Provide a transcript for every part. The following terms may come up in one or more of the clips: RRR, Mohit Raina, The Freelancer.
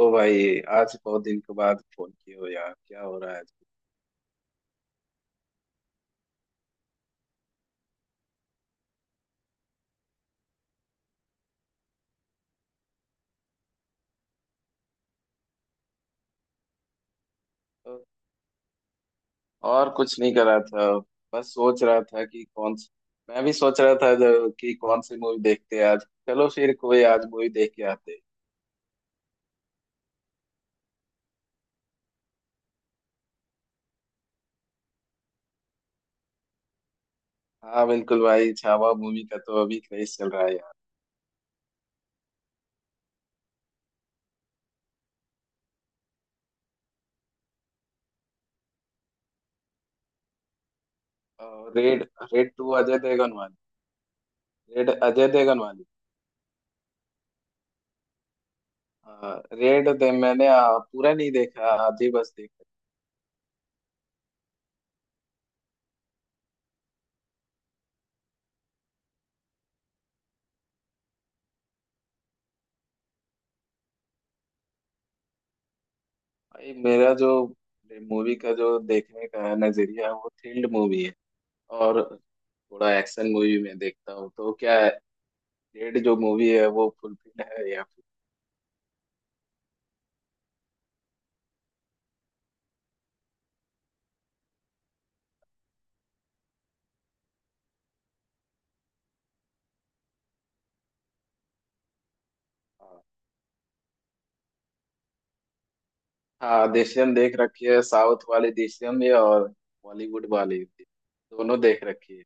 ओ भाई आज बहुत दिन के बाद फोन किए हो यार, क्या हो रहा है? तो और कुछ नहीं कर रहा था। बस सोच रहा था कि कौन सी, मैं भी सोच रहा था जो कि कौन सी मूवी देखते हैं आज। चलो फिर कोई आज मूवी देख के आते हैं। हाँ बिल्कुल भाई, छावा मूवी का तो अभी क्रेज चल रहा है यार। और raid, raid two Ajay Devgn वाली? रेड अजय देवगन वाली? हाँ रेड दे मैंने पूरा नहीं देखा, आधी बस देखा। भाई मेरा जो मूवी का जो देखने का नजरिया है वो थ्रिल्ड मूवी है। और थोड़ा एक्शन मूवी में देखता हूँ तो क्या रेड जो मूवी है वो फुलफिल है या फिर? हाँ हाँ, देशियम देख रखी है, साउथ वाली देशियम भी और बॉलीवुड वाली भी, दोनों देख रखी है।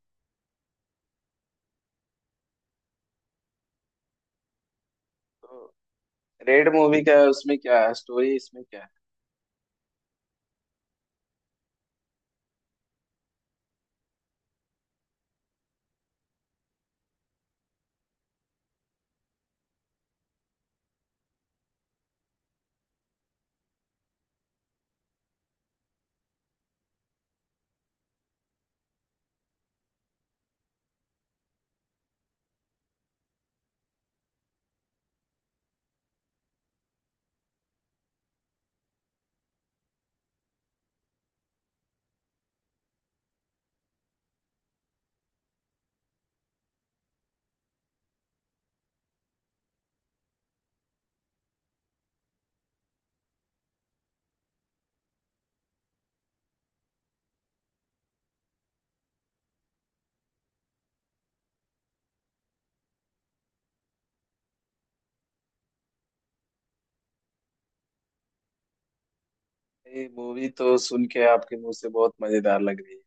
तो रेड मूवी का उसमें क्या है स्टोरी, इसमें क्या है? ये मूवी तो सुन के आपके मुंह से बहुत मजेदार लग रही है।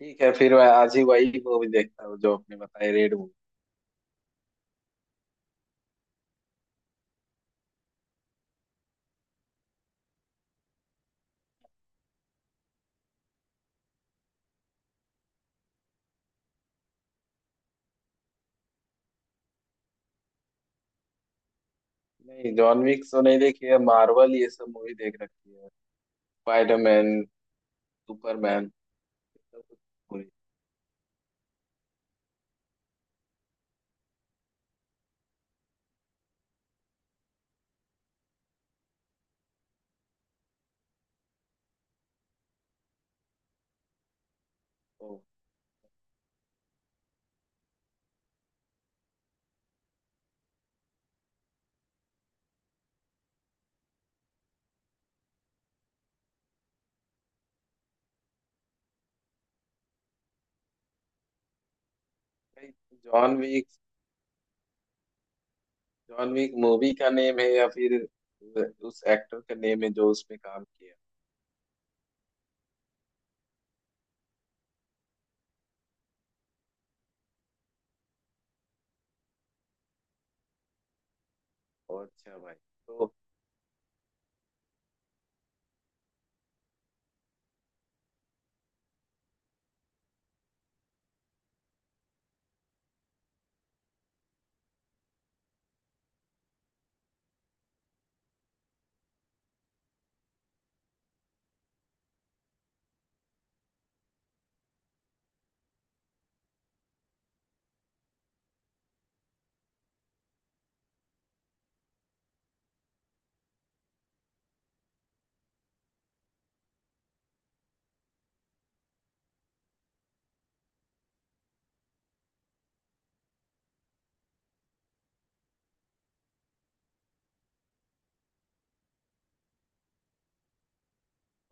ठीक है, फिर मैं आज ही वही मूवी देखता हूँ जो आपने बताई, रेड मूवी। नहीं, जॉन विक तो नहीं देखी है। मार्वल ये सब मूवी देख रखी है। स्पाइडरमैन, सुपरमैन, ये सब movie. John Wick, John Wick movie का नेम है या फिर उस एक्टर का नेम है जो उसमें काम किया? ओ अच्छा भाई। तो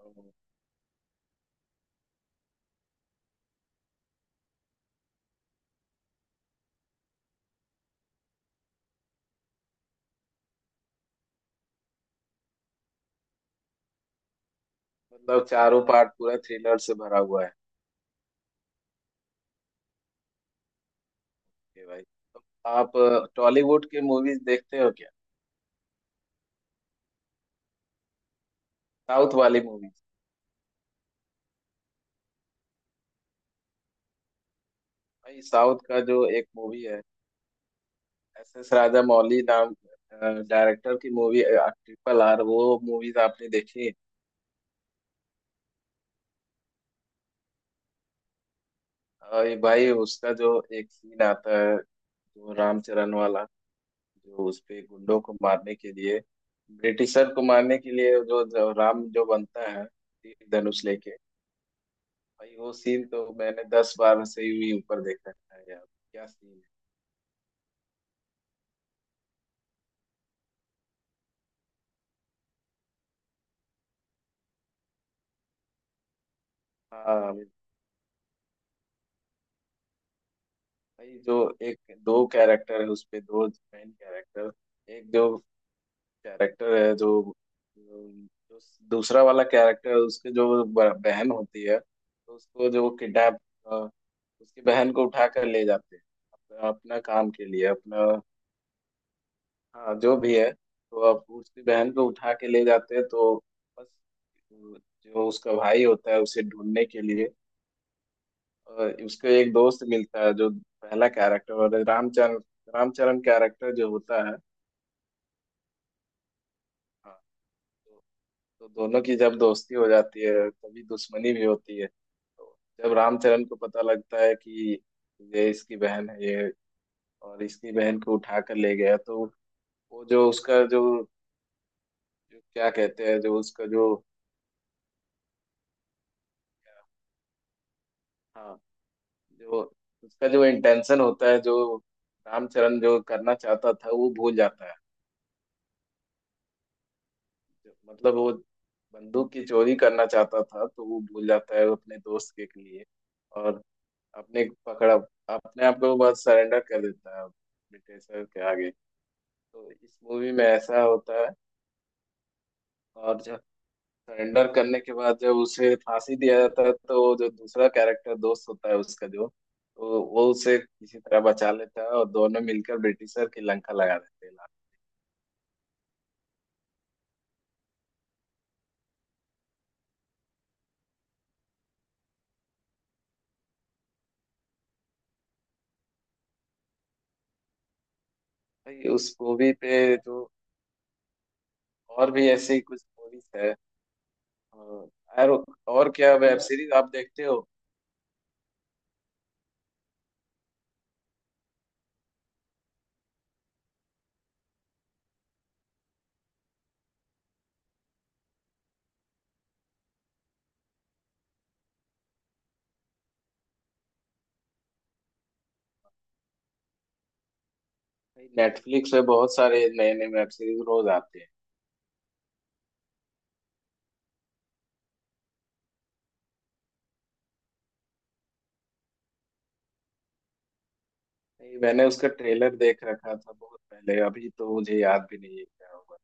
अम, मतलब चारों पार्ट पूरा थ्रिलर से भरा हुआ है? ये भाई, तो आप टॉलीवुड के मूवीज देखते हो क्या? साउथ वाली मूवीज। भाई, साउथ का जो एक मूवी है एस एस राजा मौली नाम डायरेक्टर की, मूवी ट्रिपल आर, वो मूवीज आपने देखी? ये भाई उसका जो एक सीन आता है जो रामचरण वाला, जो उस पे गुंडों को मारने के लिए, ब्रिटिशर को मारने के लिए जो राम जो बनता है तीर धनुष लेके, भाई वो सीन तो मैंने 10 बार से भी ऊपर देखा है यार। क्या सीन है! हाँ भाई, जो एक दो कैरेक्टर है उस पे, दो मेन कैरेक्टर। एक जो कैरेक्टर है जो, जो जो दूसरा वाला कैरेक्टर है, उसके जो बहन होती है, तो उसको जो किडनैप, उसकी बहन को उठा कर ले जाते हैं, अपना अपना काम के लिए अपना, हाँ जो भी है। तो अब उसकी बहन को उठा के ले जाते हैं, तो बस जो उसका भाई होता है उसे ढूंढने के लिए उसको एक दोस्त मिलता है जो पहला कैरेक्टर, और रामचरण, रामचरण कैरेक्टर जो होता है। हाँ तो, तो दोनों की जब दोस्ती हो जाती है तभी दुश्मनी भी होती है। तो जब रामचरण को पता लगता है कि ये इसकी बहन है ये, और इसकी बहन को उठा कर ले गया तो वो जो उसका जो क्या कहते हैं, जो उसका जो, हाँ, जो उसका जो इंटेंशन होता है जो रामचरण जो करना चाहता था वो भूल जाता है। मतलब वो बंदूक की चोरी करना चाहता था, तो वो भूल जाता है अपने दोस्त के लिए। और अपने पकड़ा अपने आप को बस सरेंडर कर देता है ब्रिटिशर के आगे। तो इस मूवी में ऐसा होता है। और जो सरेंडर करने के बाद जब उसे फांसी दिया जाता है, तो जो दूसरा कैरेक्टर दोस्त होता है उसका जो, तो वो उसे किसी तरह बचा लेता है और दोनों मिलकर ब्रिटिशर की लंका लगा देते हैं। भाई उस मूवी पे जो और भी ऐसी कुछ मूवीज है? और और और क्या वेब सीरीज आप देखते हो? भाई नेटफ्लिक्स पे बहुत सारे नए नए वेब सीरीज रोज आते हैं। भाई मैंने उसका ट्रेलर देख रखा था बहुत पहले, अभी तो मुझे याद भी नहीं है क्या हुआ।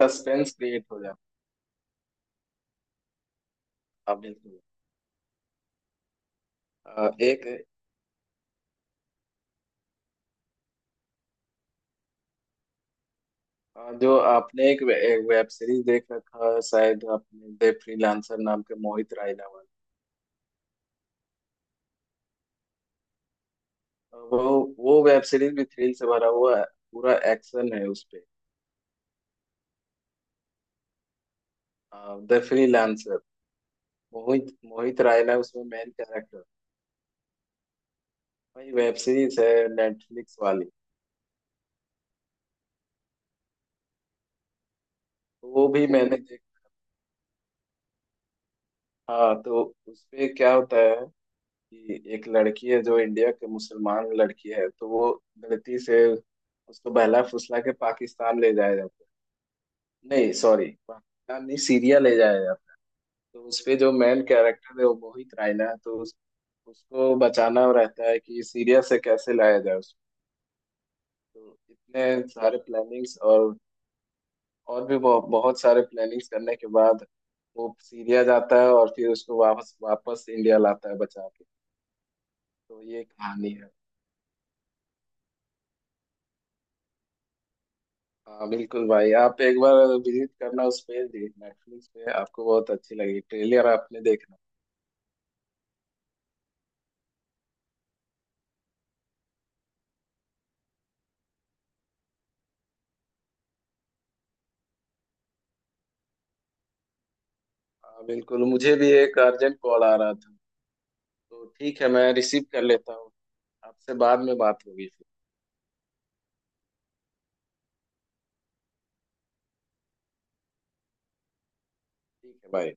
सस्पेंस क्रिएट हो जाता है। आप बिल्कुल, एक, जो आपने एक एक वेब सीरीज देख रखा है शायद आपने, द फ्रीलांसर नाम के, मोहित रायनावत, वो वेब सीरीज भी थ्रिल से भरा हुआ है, पूरा एक्शन है उसपे। द फ्रीलांसर, मोहित मोहित रायना उसमें मेन कैरेक्टर, वही वेब सीरीज है नेटफ्लिक्स वाली। तो वो भी मैंने देख, हाँ। तो उसपे क्या होता है कि एक लड़की है जो इंडिया के मुसलमान लड़की है, तो वो गलती से, उसको बहला फुसला के पाकिस्तान ले जाया जाता है, नहीं सॉरी पाकिस्तानी सीरिया ले जाया जाता है। तो उसपे जो मेन कैरेक्टर है वो मोहित रायना है, उसको बचाना रहता है कि सीरिया से कैसे लाया जाए उसको। तो इतने सारे प्लानिंग्स और भी बहुत सारे प्लानिंग्स करने के बाद वो सीरिया जाता है और फिर उसको वापस वापस इंडिया लाता है बचा के। तो ये कहानी है। हाँ बिल्कुल भाई, आप एक बार विजिट करना उस पे, नेटफ्लिक्स पे, आपको बहुत अच्छी लगी ट्रेलर आपने देखना। हाँ बिल्कुल, मुझे भी एक अर्जेंट कॉल आ रहा था, तो ठीक है मैं रिसीव कर लेता हूँ। आपसे बाद में बात होगी फिर। ठीक है बाय।